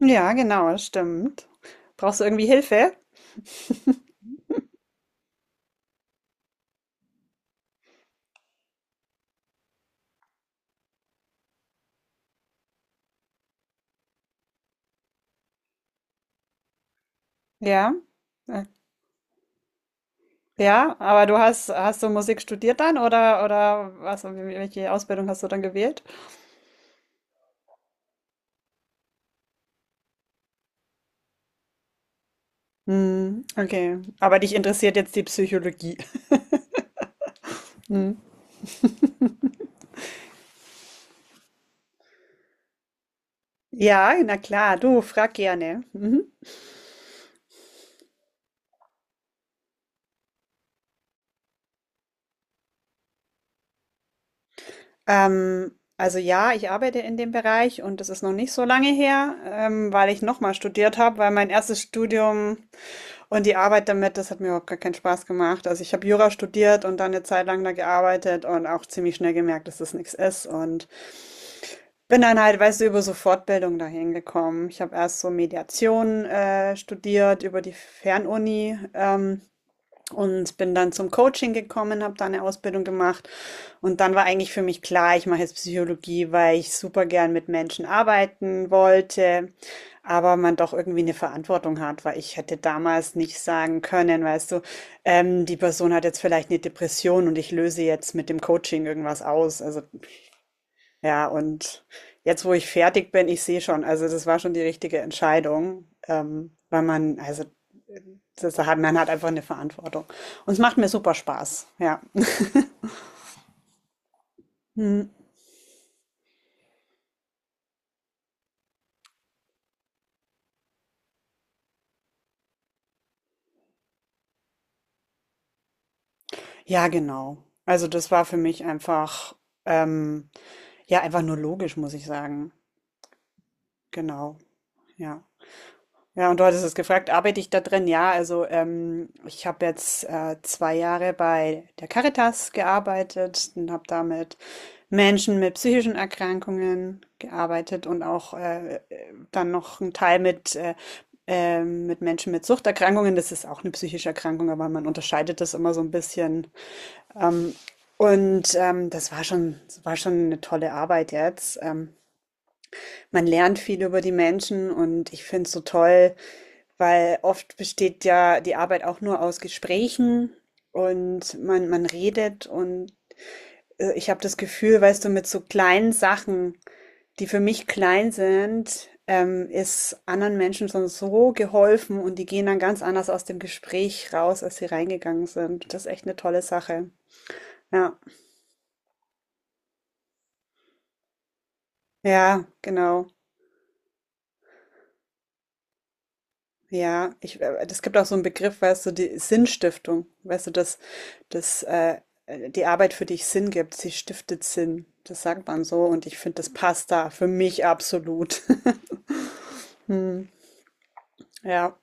Ja, genau, das stimmt. Brauchst du irgendwie Hilfe? Ja. Äh, Ja, aber du hast du Musik studiert dann oder was, welche Ausbildung hast du dann gewählt? Hm, okay. Aber dich interessiert jetzt die Psychologie. Hm. Ja, na klar, du frag gerne. Mhm. Ähm, also ja, ich arbeite in dem Bereich und das ist noch nicht so lange her, weil ich nochmal studiert habe, weil mein erstes Studium und die Arbeit damit, das hat mir überhaupt gar keinen Spaß gemacht. Also ich habe Jura studiert und dann eine Zeit lang da gearbeitet und auch ziemlich schnell gemerkt, dass das nichts ist und bin dann halt, weißt du, über so Fortbildung dahin gekommen. Ich habe erst so Mediation studiert über die Fernuni. Und bin dann zum Coaching gekommen, habe da eine Ausbildung gemacht. Und dann war eigentlich für mich klar, ich mache jetzt Psychologie, weil ich super gern mit Menschen arbeiten wollte, aber man doch irgendwie eine Verantwortung hat, weil ich hätte damals nicht sagen können, weißt du, die Person hat jetzt vielleicht eine Depression und ich löse jetzt mit dem Coaching irgendwas aus. Also ja, und jetzt, wo ich fertig bin, ich sehe schon, also das war schon die richtige Entscheidung, weil man, also das hat, man hat einfach eine Verantwortung. Und es macht mir super Spaß. Ja. Hm. Ja, genau. Also das war für mich einfach, ähm, ja, einfach nur logisch, muss ich sagen. Genau. Ja. Ja, und du hattest es gefragt, arbeite ich da drin? Ja, also ich habe jetzt 2 Jahre bei der Caritas gearbeitet und habe da mit Menschen mit psychischen Erkrankungen gearbeitet und auch dann noch einen Teil mit Menschen mit Suchterkrankungen. Das ist auch eine psychische Erkrankung, aber man unterscheidet das immer so ein bisschen. Und das war schon eine tolle Arbeit jetzt. Man lernt viel über die Menschen und ich finde es so toll, weil oft besteht ja die Arbeit auch nur aus Gesprächen und man redet und ich habe das Gefühl, weißt du, mit so kleinen Sachen, die für mich klein sind, ist anderen Menschen schon so geholfen und die gehen dann ganz anders aus dem Gespräch raus, als sie reingegangen sind. Das ist echt eine tolle Sache. Ja, ja, genau. Ja, das gibt auch so einen Begriff, weißt du, die Sinnstiftung, weißt du, dass die Arbeit für dich Sinn gibt, sie stiftet Sinn. Das sagt man so und ich finde, das passt da für mich absolut. Hm, ja,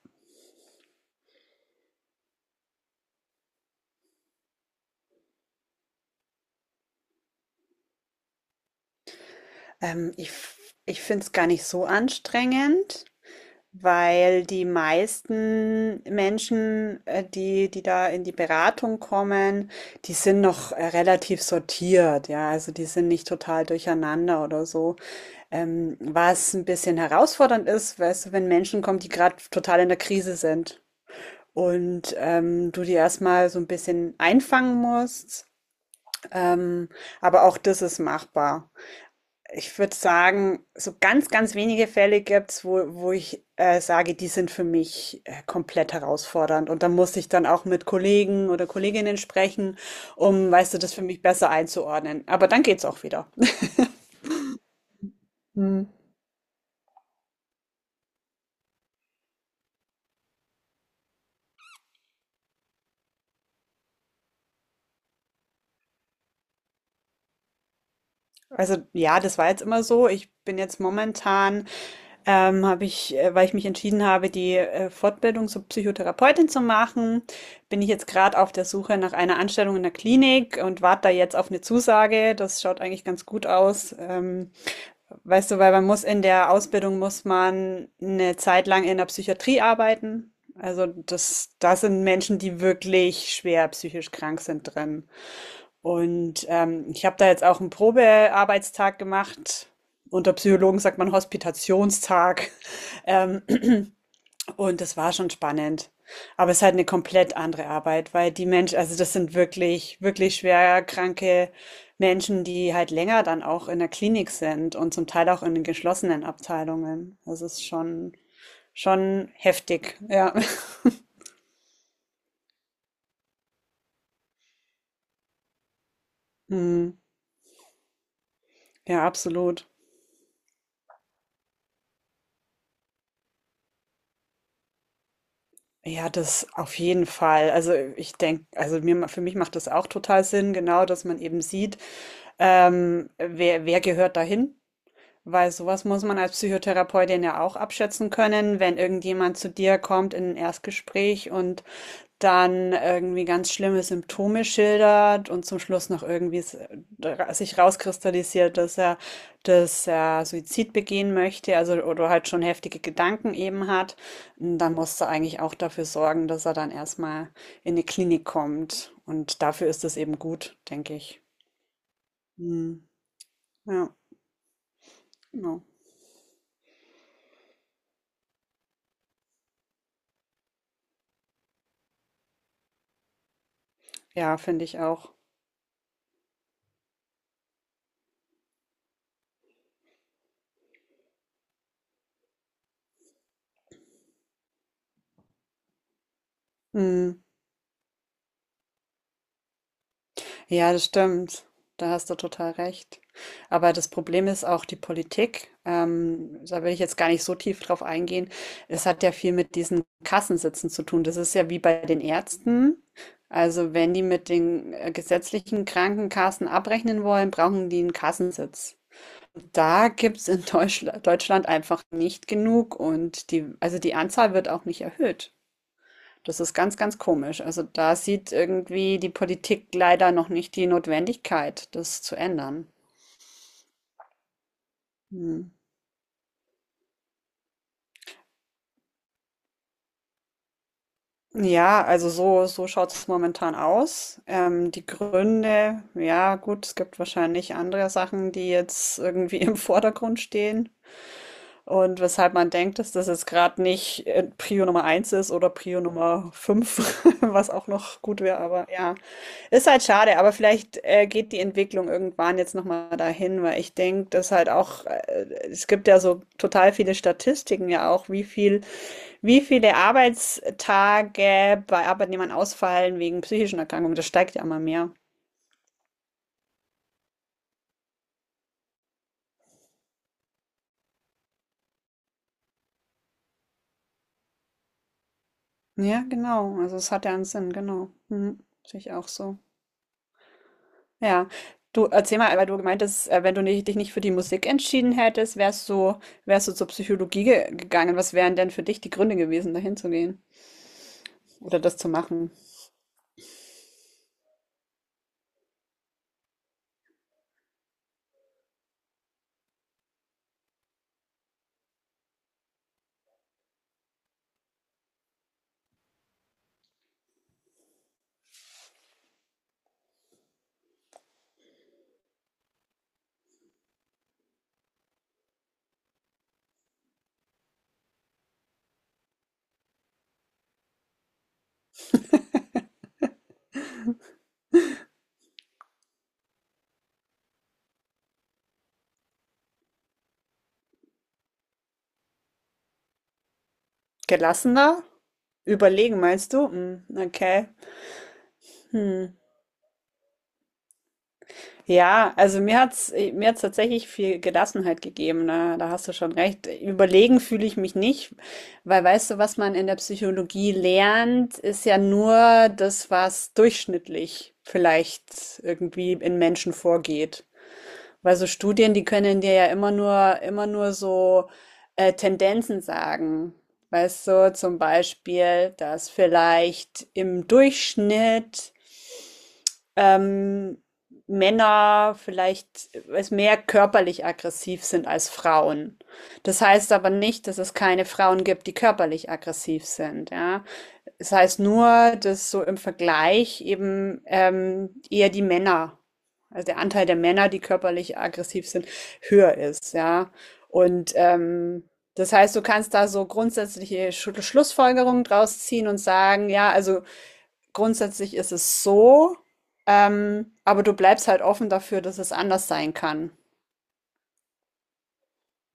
ähm, ich, ich finde es gar nicht so anstrengend. Weil die meisten Menschen, die da in die Beratung kommen, die sind noch relativ sortiert, ja, also die sind nicht total durcheinander oder so. Was ein bisschen herausfordernd ist, weißt du, wenn Menschen kommen, die gerade total in der Krise sind, und du die erstmal so ein bisschen einfangen musst. Ähm, aber auch das ist machbar. Ich würde sagen, so ganz, ganz wenige Fälle gibt's, wo ich sage, die sind für mich komplett herausfordernd. Und da muss ich dann auch mit Kollegen oder Kolleginnen sprechen, um, weißt du, das für mich besser einzuordnen. Aber dann geht's auch wieder. Also ja, das war jetzt immer so. Ich bin jetzt momentan, habe ich, weil ich mich entschieden habe, die Fortbildung zur Psychotherapeutin zu machen, bin ich jetzt gerade auf der Suche nach einer Anstellung in der Klinik und warte da jetzt auf eine Zusage. Das schaut eigentlich ganz gut aus. Weißt du, weil man muss in der Ausbildung muss man eine Zeit lang in der Psychiatrie arbeiten. Also das, da sind Menschen, die wirklich schwer psychisch krank sind drin. Und ich habe da jetzt auch 'n Probearbeitstag gemacht. Unter Psychologen sagt man Hospitationstag. Ähm, und das war schon spannend. Aber es ist halt eine komplett andere Arbeit, weil die Menschen, also, das sind wirklich, wirklich schwer kranke Menschen, die halt länger dann auch in der Klinik sind und zum Teil auch in den geschlossenen Abteilungen. Das ist schon heftig, ja. Mhm. Ja, absolut. Ja, das auf jeden Fall. Also ich denke, also mir, für mich macht das auch total Sinn, genau, dass man eben sieht, wer gehört dahin? Weil sowas muss man als Psychotherapeutin ja auch abschätzen können, wenn irgendjemand zu dir kommt in ein Erstgespräch und dann irgendwie ganz schlimme Symptome schildert und zum Schluss noch irgendwie sich rauskristallisiert, dass er Suizid begehen möchte, also oder halt schon heftige Gedanken eben hat. Und dann musst du eigentlich auch dafür sorgen, dass er dann erstmal in eine Klinik kommt. Und dafür ist es eben gut, denke ich. Hm, ja, genau. Ja, finde ich auch. Hm. Ja, das stimmt. Da hast du total recht. Aber das Problem ist auch die Politik. Da will ich jetzt gar nicht so tief drauf eingehen. Es hat ja viel mit diesen Kassensitzen zu tun. Das ist ja wie bei den Ärzten. Also wenn die mit den gesetzlichen Krankenkassen abrechnen wollen, brauchen die einen Kassensitz. Da gibt es in Deutschland einfach nicht genug, und die, also die Anzahl wird auch nicht erhöht. Das ist ganz, ganz komisch. Also da sieht irgendwie die Politik leider noch nicht die Notwendigkeit, das zu ändern. Hm. Ja, also so schaut es momentan aus. Die Gründe, ja gut, es gibt wahrscheinlich andere Sachen, die jetzt irgendwie im Vordergrund stehen. Und weshalb man denkt, dass das jetzt gerade nicht Prio Nummer 1 ist oder Prio Nummer 5, was auch noch gut wäre, aber ja, ist halt schade, aber vielleicht geht die Entwicklung irgendwann jetzt nochmal dahin, weil ich denke, dass halt auch, es gibt ja so total viele Statistiken ja auch, wie viele Arbeitstage bei Arbeitnehmern ausfallen wegen psychischen Erkrankungen, das steigt ja immer mehr. Ja, genau, also es hat ja einen Sinn, genau. Mhm. Sehe ich auch so. Ja, du erzähl mal, weil du gemeint hast, wenn du nicht, dich nicht für die Musik entschieden hättest, wärst du zur Psychologie ge gegangen. Was wären denn für dich die Gründe gewesen, dahin zu gehen oder das zu machen? Gelassener? Überlegen, meinst du? Hm, okay. Hm. Ja, also mir hat's tatsächlich viel Gelassenheit gegeben, ne? Da hast du schon recht. Überlegen fühle ich mich nicht, weil, weißt du, was man in der Psychologie lernt, ist ja nur das, was durchschnittlich vielleicht irgendwie in Menschen vorgeht. Weil so Studien, die können dir ja immer nur, so Tendenzen sagen. Weißt du, zum Beispiel, dass vielleicht im Durchschnitt ähm, Männer vielleicht es mehr körperlich aggressiv sind als Frauen. Das heißt aber nicht, dass es keine Frauen gibt, die körperlich aggressiv sind. Ja, es heißt nur, dass so im Vergleich eben eher die Männer, also der Anteil der Männer, die körperlich aggressiv sind, höher ist. Ja, und das heißt, du kannst da so grundsätzliche Schlussfolgerungen draus ziehen und sagen, ja, also grundsätzlich ist es so, aber du bleibst halt offen dafür, dass es anders sein kann.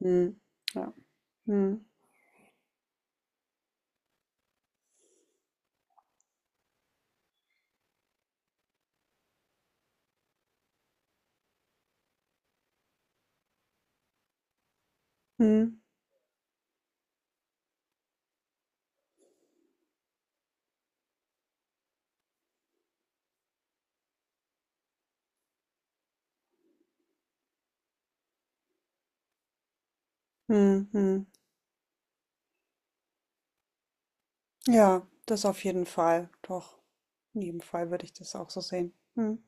Hm. Ja. Hm. Hm. Hm. Hm. Ja, das auf jeden Fall. Doch, in jedem Fall würde ich das auch so sehen. Hm.